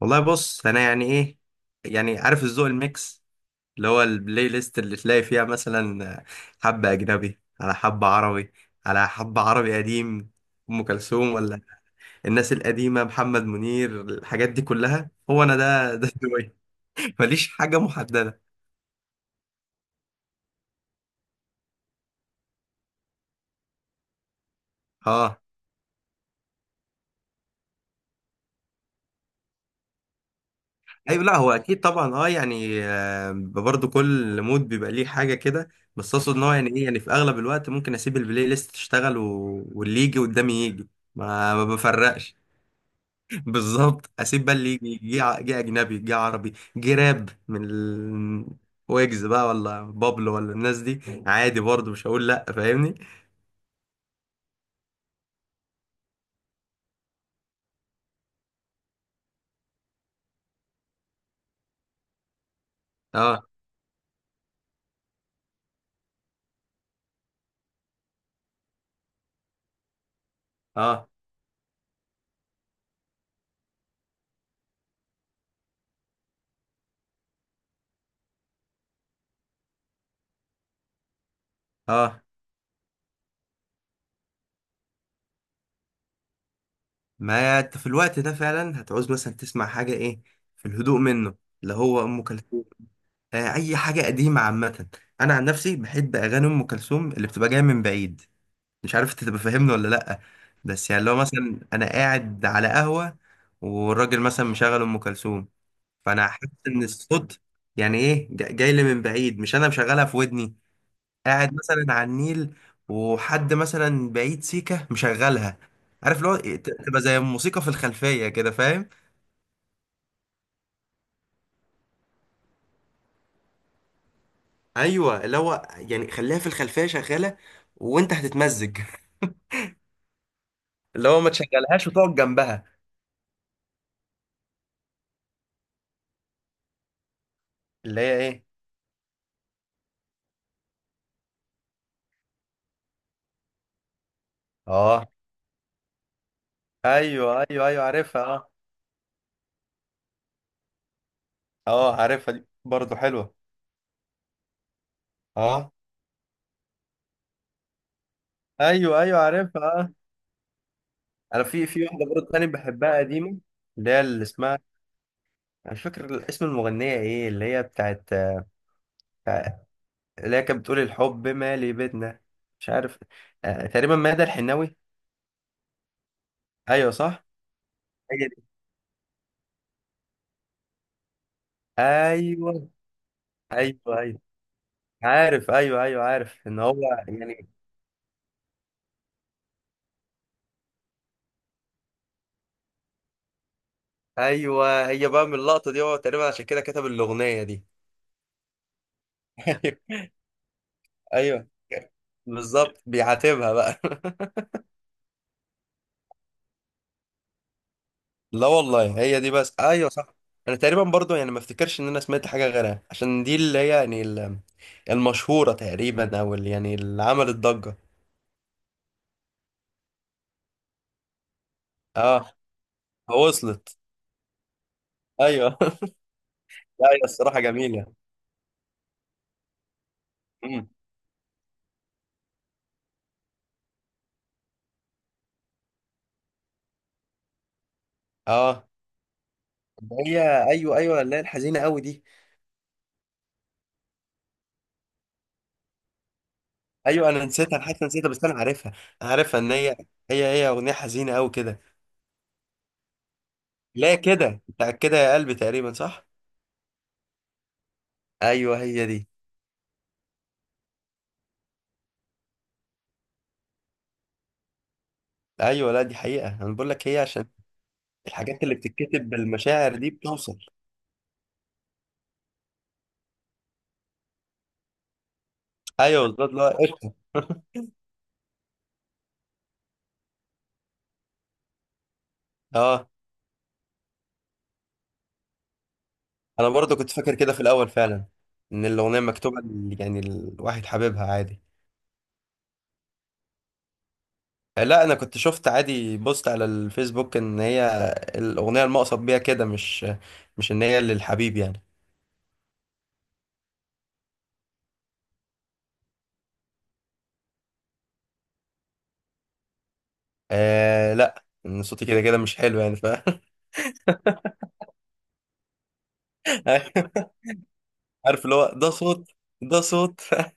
والله بص، انا يعني ايه يعني عارف الذوق الميكس، اللي هو البلاي ليست اللي تلاقي فيها مثلا حبة اجنبي على حبة عربي، على حبة عربي قديم، ام كلثوم ولا الناس القديمة، محمد منير، الحاجات دي كلها. هو انا ده ذوقي. ماليش حاجة محددة. اه، ايوه، لا هو اكيد طبعا، اه يعني برضه كل مود بيبقى ليه حاجة كده. بس اقصد ان هو يعني ايه يعني في اغلب الوقت ممكن اسيب البلاي ليست تشتغل واللي يجي قدامي يجي. ما بفرقش. بالظبط، اسيب بقى اللي يجي جه، جه اجنبي، جه عربي، جه راب من ويجز بقى، ولا بابلو، ولا الناس دي. عادي، برضه مش هقول لا. فاهمني؟ اه اه اه. ما انت في الوقت ده فعلا هتعوز مثلا تسمع حاجه ايه في الهدوء منه، اللي هو ام كلثوم. آه، اي حاجه قديمه عامه. انا عن نفسي بحب اغاني ام كلثوم اللي بتبقى جايه من بعيد. مش عارف انت تبقى فاهمني ولا لأ. بس يعني لو مثلا أنا قاعد على قهوة والراجل مثلا مشغل أم كلثوم، فأنا حاسس إن الصوت يعني إيه جاي لي من بعيد، مش أنا مشغلها في ودني. قاعد مثلا على النيل، وحد مثلا بعيد سيكة مشغلها. عارف اللي هو تبقى زي الموسيقى في الخلفية كده، فاهم؟ ايوه، اللي هو يعني خليها في الخلفية شغالة وانت هتتمزج. اللي هو ما تشغلهاش وتقعد جنبها. اللي هي ايه؟ اه. ايوه ايوه ايوه، عارفها. اه اه، عارفها، دي برضه حلوة. اه، ايوه ايوه، عارفها. اه. انا في واحدة برضه تاني بحبها قديمة، اللي هي اللي اسمها، انا مش فاكر اسم المغنية ايه. اللي هي بتاعت بتاع- اللي هي كانت بتقول الحب مالي بيتنا، مش عارف. آه، تقريبا ماذا الحناوي. ايوه صح. هي دي. ايوه ايوه ايوه، عارف. ايوه ايوه، عارف ان هو يعني، ايوه هي بقى من اللقطة دي هو تقريبا عشان كده كتب الأغنية دي. ايوه، بالظبط، بيعاتبها بقى. لا والله هي دي بس، ايوه صح. انا تقريبا برضو يعني ما افتكرش ان انا سمعت حاجه غيرها، عشان دي اللي هي يعني المشهوره تقريبا، او اللي يعني اللي عملت ضجه. اه، وصلت. ايوه. لا هي الصراحه جميله. امم. اه. اللي هي ايوه ايوه، اللي هي الحزينه قوي دي. ايوه، انا نسيتها، انا حاسس إني نسيتها بس انا عارفها. أنا عارفها ان هي، هي اغنيه حزينه قوي كده. لا كده بتاع كده يا قلبي، تقريبا صح؟ ايوه هي دي. ايوه، لا دي حقيقه، انا بقول لك هي عشان الحاجات اللي بتتكتب بالمشاعر دي بتوصل. ايوه بالظبط. لا قشطه. اه. انا برضه كنت فاكر كده في الاول فعلا، ان الاغنيه مكتوبه يعني الواحد حاببها عادي. لا انا كنت شفت عادي بوست على الفيسبوك ان هي الاغنيه المقصد بيها كده، مش مش ان هي للحبيب يعني. آه لا، ان صوتي كده كده مش حلو يعني، ف عارف اللي هو ده صوت، ده صوت.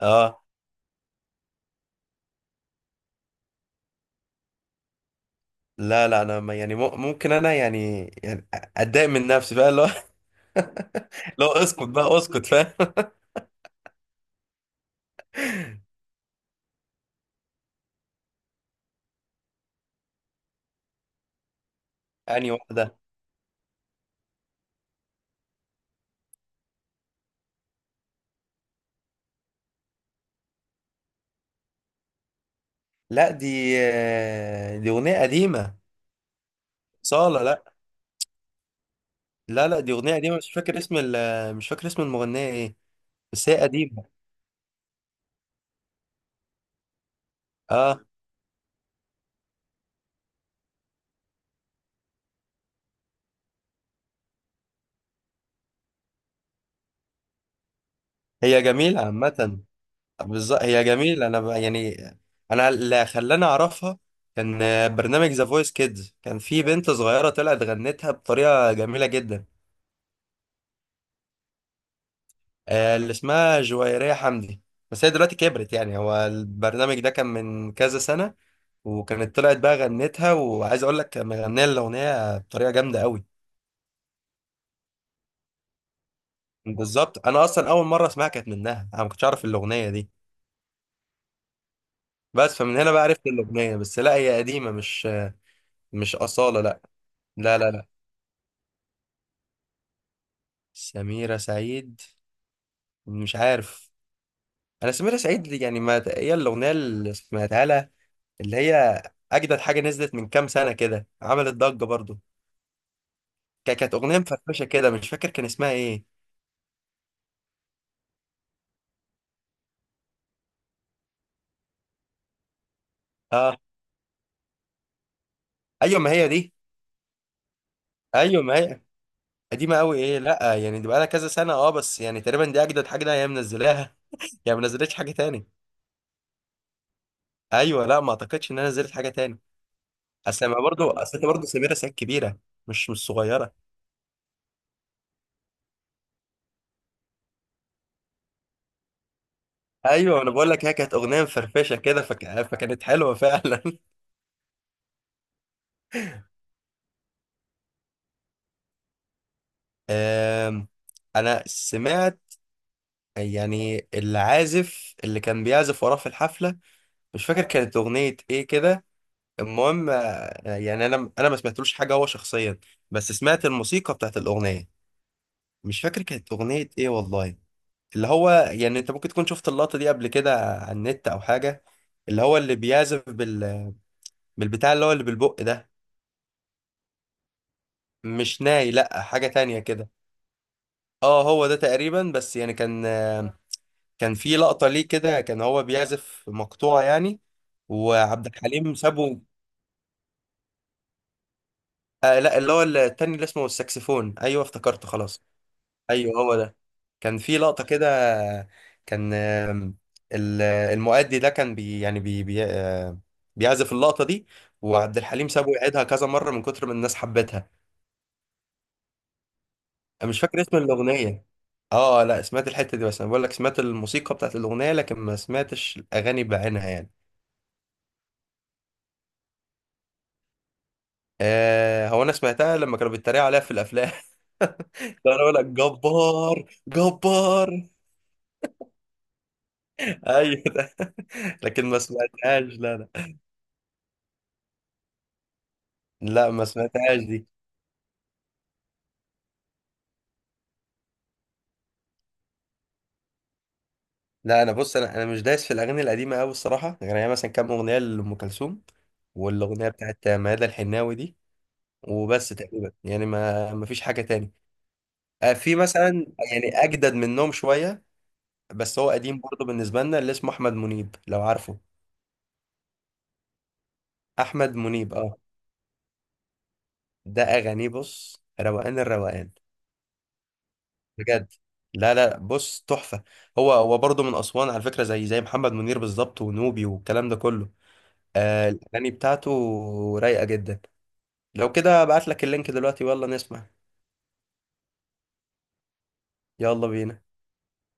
اه. لا لا انا يعني ممكن انا يعني يعني اتضايق من نفسي بقى. لا اسكت بقى، اسكت، فاهم. انهي واحده؟ لا دي، دي اغنيه قديمه. صاله، لا. لا لا، دي اغنيه قديمه، مش فاكر اسم مش فاكر اسم المغنيه ايه. بس هي قديمه. اه هي جميله عامه. بالظبط هي جميله. انا بقى يعني انا اللي خلاني اعرفها كان برنامج ذا فويس كيدز، كان في بنت صغيره طلعت غنتها بطريقه جميله جدا. آه، اللي اسمها جويرية حمدي. بس هي دلوقتي كبرت، يعني هو البرنامج ده كان من كذا سنة، وكانت طلعت بقى غنتها، وعايز اقول لك مغنية الأغنية بطريقة جامدة قوي. بالظبط، انا اصلا اول مرة اسمعها كانت منها، انا ما كنتش اعرف الأغنية دي. بس فمن هنا بقى عرفت الأغنية. بس لا هي قديمة، مش مش أصالة لا. لا لا. لا سميرة سعيد؟ مش عارف. انا سميرة سعيد دي يعني ما هي الأغنية اللي سمعتها لها، اللي هي اجدد حاجة نزلت من كام سنة كده، عملت ضجة برضو. كانت اغنيه مفرفشه كده، مش فاكر كان اسمها ايه. اه ايوه، ما هي دي. ايوه ما هي. قديمه قوي ايه، لا يعني دي بقالها كذا سنه اه، بس يعني تقريبا دي اجدد حاجه هي منزلاها. هي ما نزلتش حاجه تاني. ايوه، لا ما اعتقدش ان انا نزلت حاجه تاني. اصل ما برضو، اصل انت برضو سميرة سعيد كبيره، مش مش صغيره. ايوه انا بقول لك، هي كانت اغنيه مفرفشه كده، فك... فكانت حلوه فعلا. آم، انا سمعت يعني العازف اللي كان بيعزف وراه في الحفله، مش فاكر كانت اغنيه ايه كده. المهم يعني انا ما سمعتلوش حاجه هو شخصيا، بس سمعت الموسيقى بتاعت الاغنيه. مش فاكر كانت اغنيه ايه والله. اللي هو يعني انت ممكن تكون شفت اللقطه دي قبل كده على النت او حاجه، اللي هو اللي بيعزف بالبتاع، اللي هو اللي بالبق ده. مش ناي، لا حاجه تانية كده. اه هو ده تقريبا، بس يعني كان كان في لقطه ليه كده، كان هو بيعزف مقطوعه يعني، وعبد الحليم سابه. آه لا اللي هو التاني، اللي اسمه الساكسفون، ايوه افتكرته خلاص. ايوه هو ده. كان في لقطة كده، كان المؤدي ده كان بي يعني بي بي آه، بيعزف اللقطة دي، وعبد الحليم سابه يعيدها كذا مرة من كتر ما الناس حبتها. أنا مش فاكر اسم الأغنية. اه لا سمعت الحتة دي بس، انا بقول لك سمعت الموسيقى بتاعت الأغنية، لكن ما سمعتش الأغاني بعينها يعني. آه، هو انا سمعتها لما كانوا بيتريقوا عليها في الافلام. كانوا يقول لك جبار جبار. ايوه ده. لكن ما سمعتهاش لا لا. لا ما سمعتهاش دي. لا انا بص، انا مش دايس في الاغاني القديمه قوي الصراحه، يعني هي مثلا كام اغنيه لام كلثوم، والاغنيه بتاعت ميادة الحناوي دي، وبس تقريبا. يعني ما فيش حاجه تاني. في مثلا، يعني اجدد منهم شويه، بس هو قديم برضه بالنسبه لنا، اللي اسمه احمد منيب لو عارفه. احمد منيب اه، ده اغانيه بص، روقان الروقان، بجد. لا لا بص، تحفه. هو برضه من اسوان على فكره، زي محمد منير بالظبط، ونوبي والكلام ده كله. آه الاغاني بتاعته رايقه جدا. لو كده ابعت لك اللينك دلوقتي ويلا نسمع. يلا بينا.